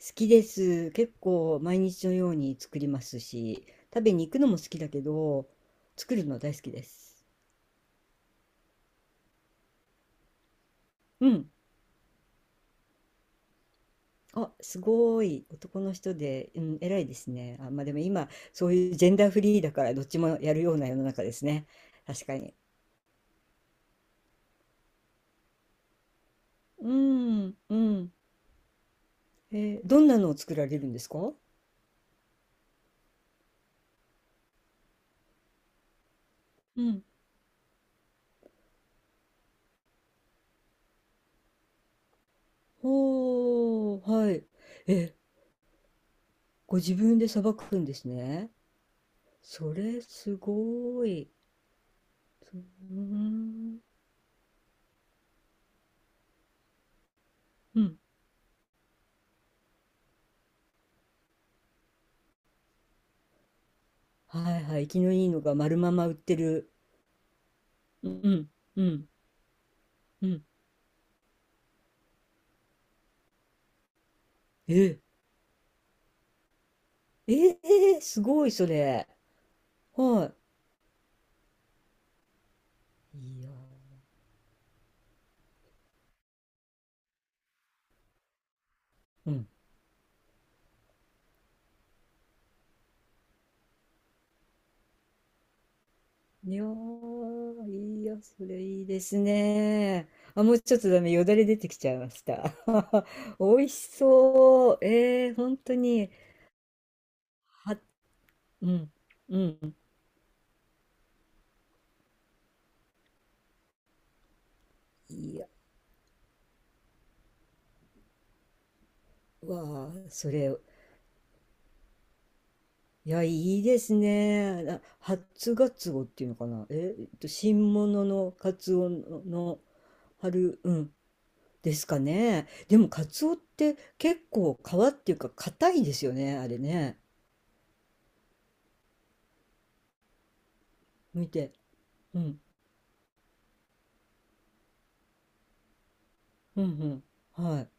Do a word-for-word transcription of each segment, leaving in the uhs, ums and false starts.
好きです。結構毎日のように作りますし、食べに行くのも好きだけど、作るの大好きです。うん。あ、すごい。男の人で、うん、偉いですね。あ、まあでも今、そういうジェンダーフリーだから、どっちもやるような世の中ですね。確かに。うん、うん。えーどんなのを作られるんですか？うん。ほー、はい。え、ご自分でさばくんですね。それすごい。うーん。うん。はいはい、生きのいいのが丸まま売ってる。うん、うん、うん。えええー、すごい、それ。はい。いやー、うん。いやー、いいや、それいいですね。あ、もうちょっとダメ、よだれ出てきちゃいました。美味しそう。えー、本当に。は、うん、うん。いや、わあ、それ、いや、いいですね。な初ガツオっていうのかな。え、えっと、新物のカツオの、の春、うん、ですかね。でも、カツオって結構皮っていうか、硬いですよね、あれね。見て。うん、うん、うん。はい。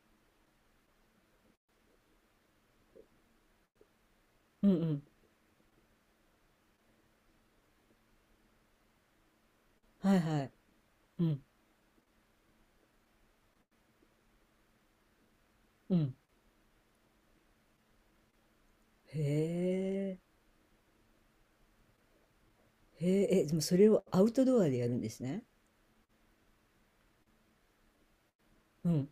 うん、うん。はいはい。うん、うん。へえ、へえ、え、でもそれをアウトドアでやるんですね。うん、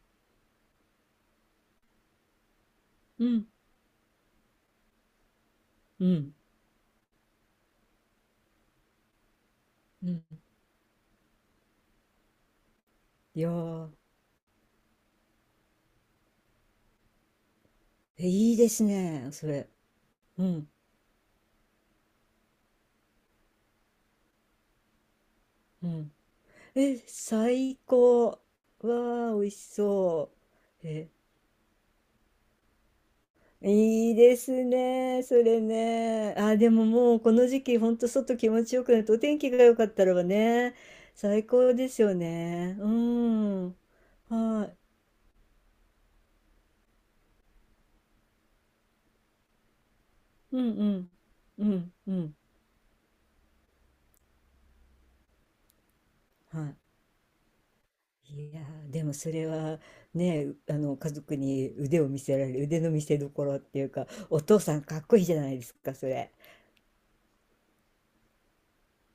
うん、うん、うん。いやー、え、いいですね、それ。うん、うん。え、最高。わあ、美味しそう。え、いいですね、それね。あ、でももうこの時期、ほんと外気持ちよくなって、お天気が良かったらばね、最高ですよね。うん。はい。うんうん。うんうん。はい。いやー、でもそれはね、あの、家族に腕を見せられる、腕の見せ所っていうか、お父さんかっこいいじゃないですか、それ。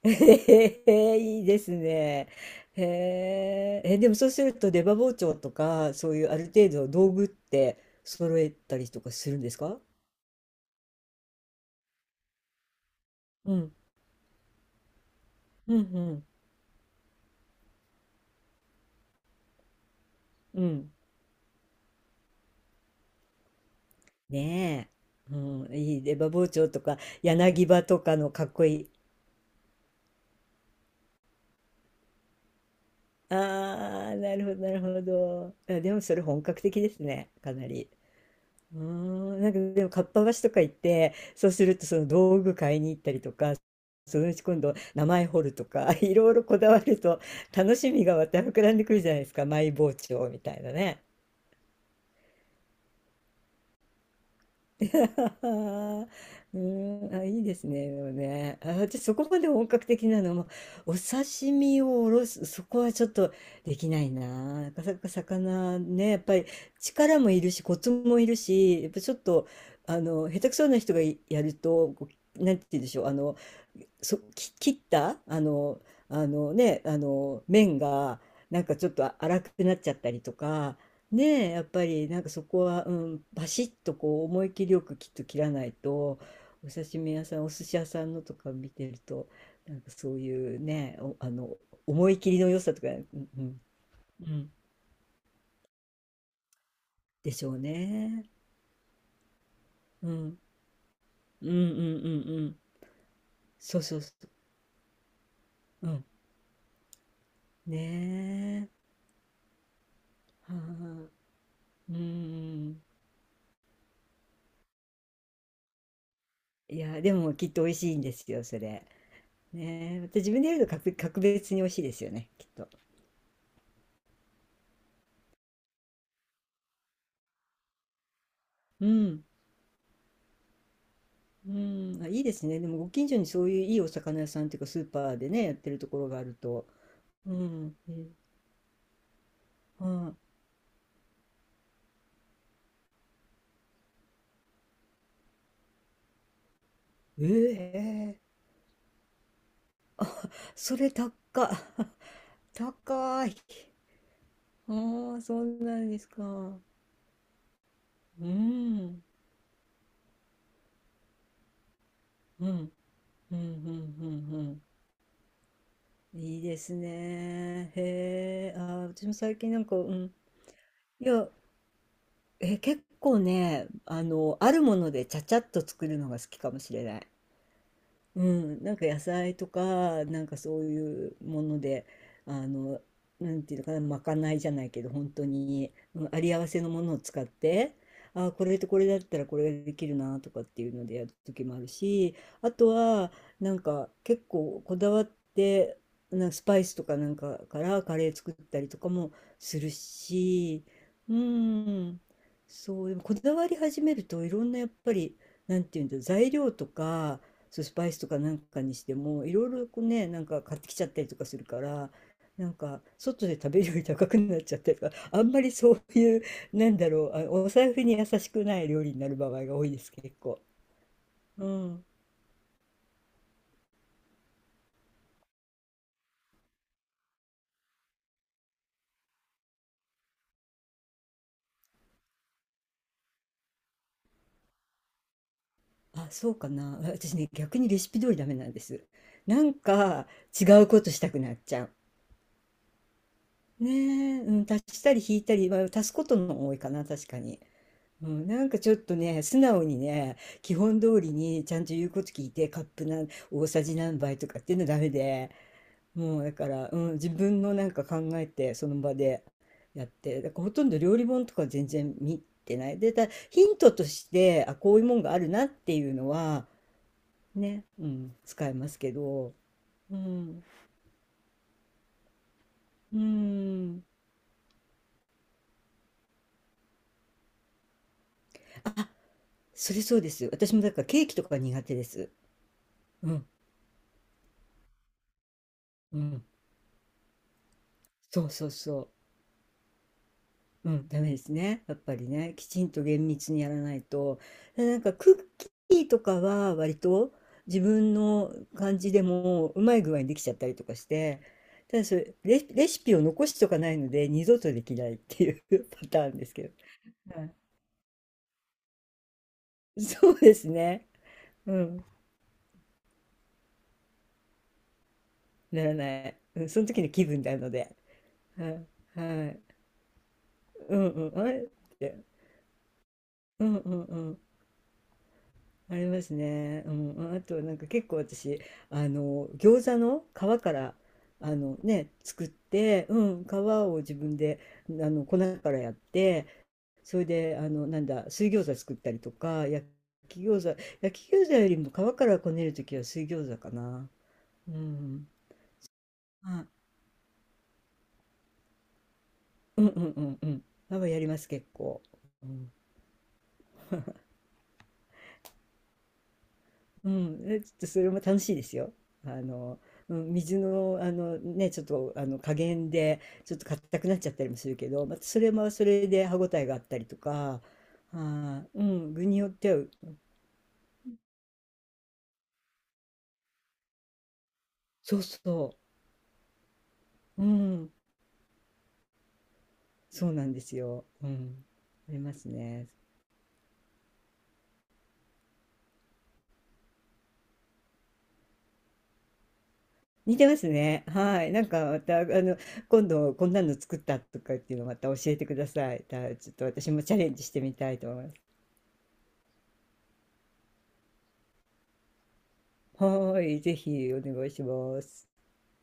ええ、いいですね。へえ、え、でもそうすると出刃包丁とか、そういうある程度の道具って揃えたりとかするんですか？うん、うん、うん、うん。ねえ。うん、いい出刃包丁とか、柳刃とかのかっこいい。ああ、なるほど、なるほど。あ、でもそれ本格的ですね、かなり。うーん、なんかでもかっぱ橋とか行って、そうするとその道具買いに行ったりとか、そのうち今度名前彫るとか いろいろこだわると楽しみがまた膨らんでくるじゃないですか、マイ包丁みたいなね。うーん、あ、いいですね。でもね、あ、私そこまで本格的なのも、お刺身をおろす、そこはちょっとできないな。なかなか魚ね、やっぱり力もいるしコツもいるし、やっぱちょっと、あの、下手くそな人がいやると、こう、なんて言うんでしょう、あのそ、き切った、あの、あのね、あの麺がなんかちょっと粗くなっちゃったりとか、ねえ、やっぱりなんかそこは、うん、バシッとこう思い切りよく、きっと切らないと。お刺身屋さん、お寿司屋さんのとか見てると、なんかそういうね、お、あの、思い切りの良さとか、うん、うん、うん、でしょうね。うん、うん、うん、うん、うん。そうそうそう。うん。ねえ。はあ、うん。いや、でもきっと美味しいんですよ、それ。ねえ、また自分でやると、格、格別に美味しいですよね、きっと。うん。うん。あ、いいですね。でもご近所にそういういいお魚屋さんっていうかスーパーでね、やってるところがあると。うん。え、はい。ええ、それ高っ。高い。ああ、そうなんですか。うん。うん。うん。うん。うん。うん、いいですね。へえ。ああ、私も最近なんか、うん。いや、え、結構ね、あの、あるものでちゃちゃっと作るのが好きかもしれない。うん、なんか野菜とか、なんかそういうもので、あの、なんていうのかな、まかないじゃないけど、本当に、うん、あり合わせのものを使って、あー、これとこれだったらこれができるなとかっていうのでやる時もあるし、あとは、なんか結構こだわって、なんかスパイスとかなんかからカレー作ったりとかもするし、うん、そう、でもこだわり始めるといろんなやっぱり、なんていうんだ、材料とか、そうスパイスとかなんかにしてもいろいろこうね、なんか買ってきちゃったりとかするから、なんか外で食べるより高くなっちゃったりとか、あんまりそういう、なんだろう、あ、お財布に優しくない料理になる場合が多いです、結構。うん、あ、そうかな、私ね、逆にレシピ通りダメなんです。なんか違うことしたくなっちゃう。ねえ、うん、足したり引いたり、まあ、足すことの方が多いかな、確かに。うん、なんかちょっとね、素直にね、基本通りにちゃんと言うこと聞いて、カップなん大さじ何杯とかっていうのダメで、もうだから、うん、自分のなんか考えて、その場でやって、だからほとんど料理本とか全然見てない。で、ただヒントとして、あ、こういうもんがあるなっていうのは、ね、うん、使えますけど、うん、うん。あ、それそうです。私もだからケーキとか苦手です。うん、うん。そうそうそう。うん、ダメですね。やっぱりね、きちんと厳密にやらないと。でなんかクッキーとかは割と自分の感じでもうまい具合にできちゃったりとかして、ただそれ、レ、レシピを残しとかないので二度とできないっていう パターンですけど。はい、そうですね。うん。ならない。うん、その時の気分なので。はい。はい。うんうん。あれって。うんうんうん。ありますね。うん。あと、なんか結構私、あの、餃子の皮から、あのね、作って、うん、皮を自分で、あの、粉からやって、それで、あの、なんだ、水餃子作ったりとか、焼き餃子、焼き餃子よりも皮からこねるときは水餃子かな。うん。あ、うんうんうんうん。皮やります、結構。うんうん、え、ちょっとそれも楽しいですよ。あの、うん、水の、あのね、ちょっとあの加減でちょっと硬くなっちゃったりもするけど、またそれもそれで歯ごたえがあったりとか、あーうん、具によっては、そうそう、うん、そうなんですよ。うん、ありますね。似てますね。はい、なんかまたあの今度こんなの作ったとかっていうのまた教えてください。たちょっと私もチャレンジしてみたいと思います。はーい、ぜひお願いします。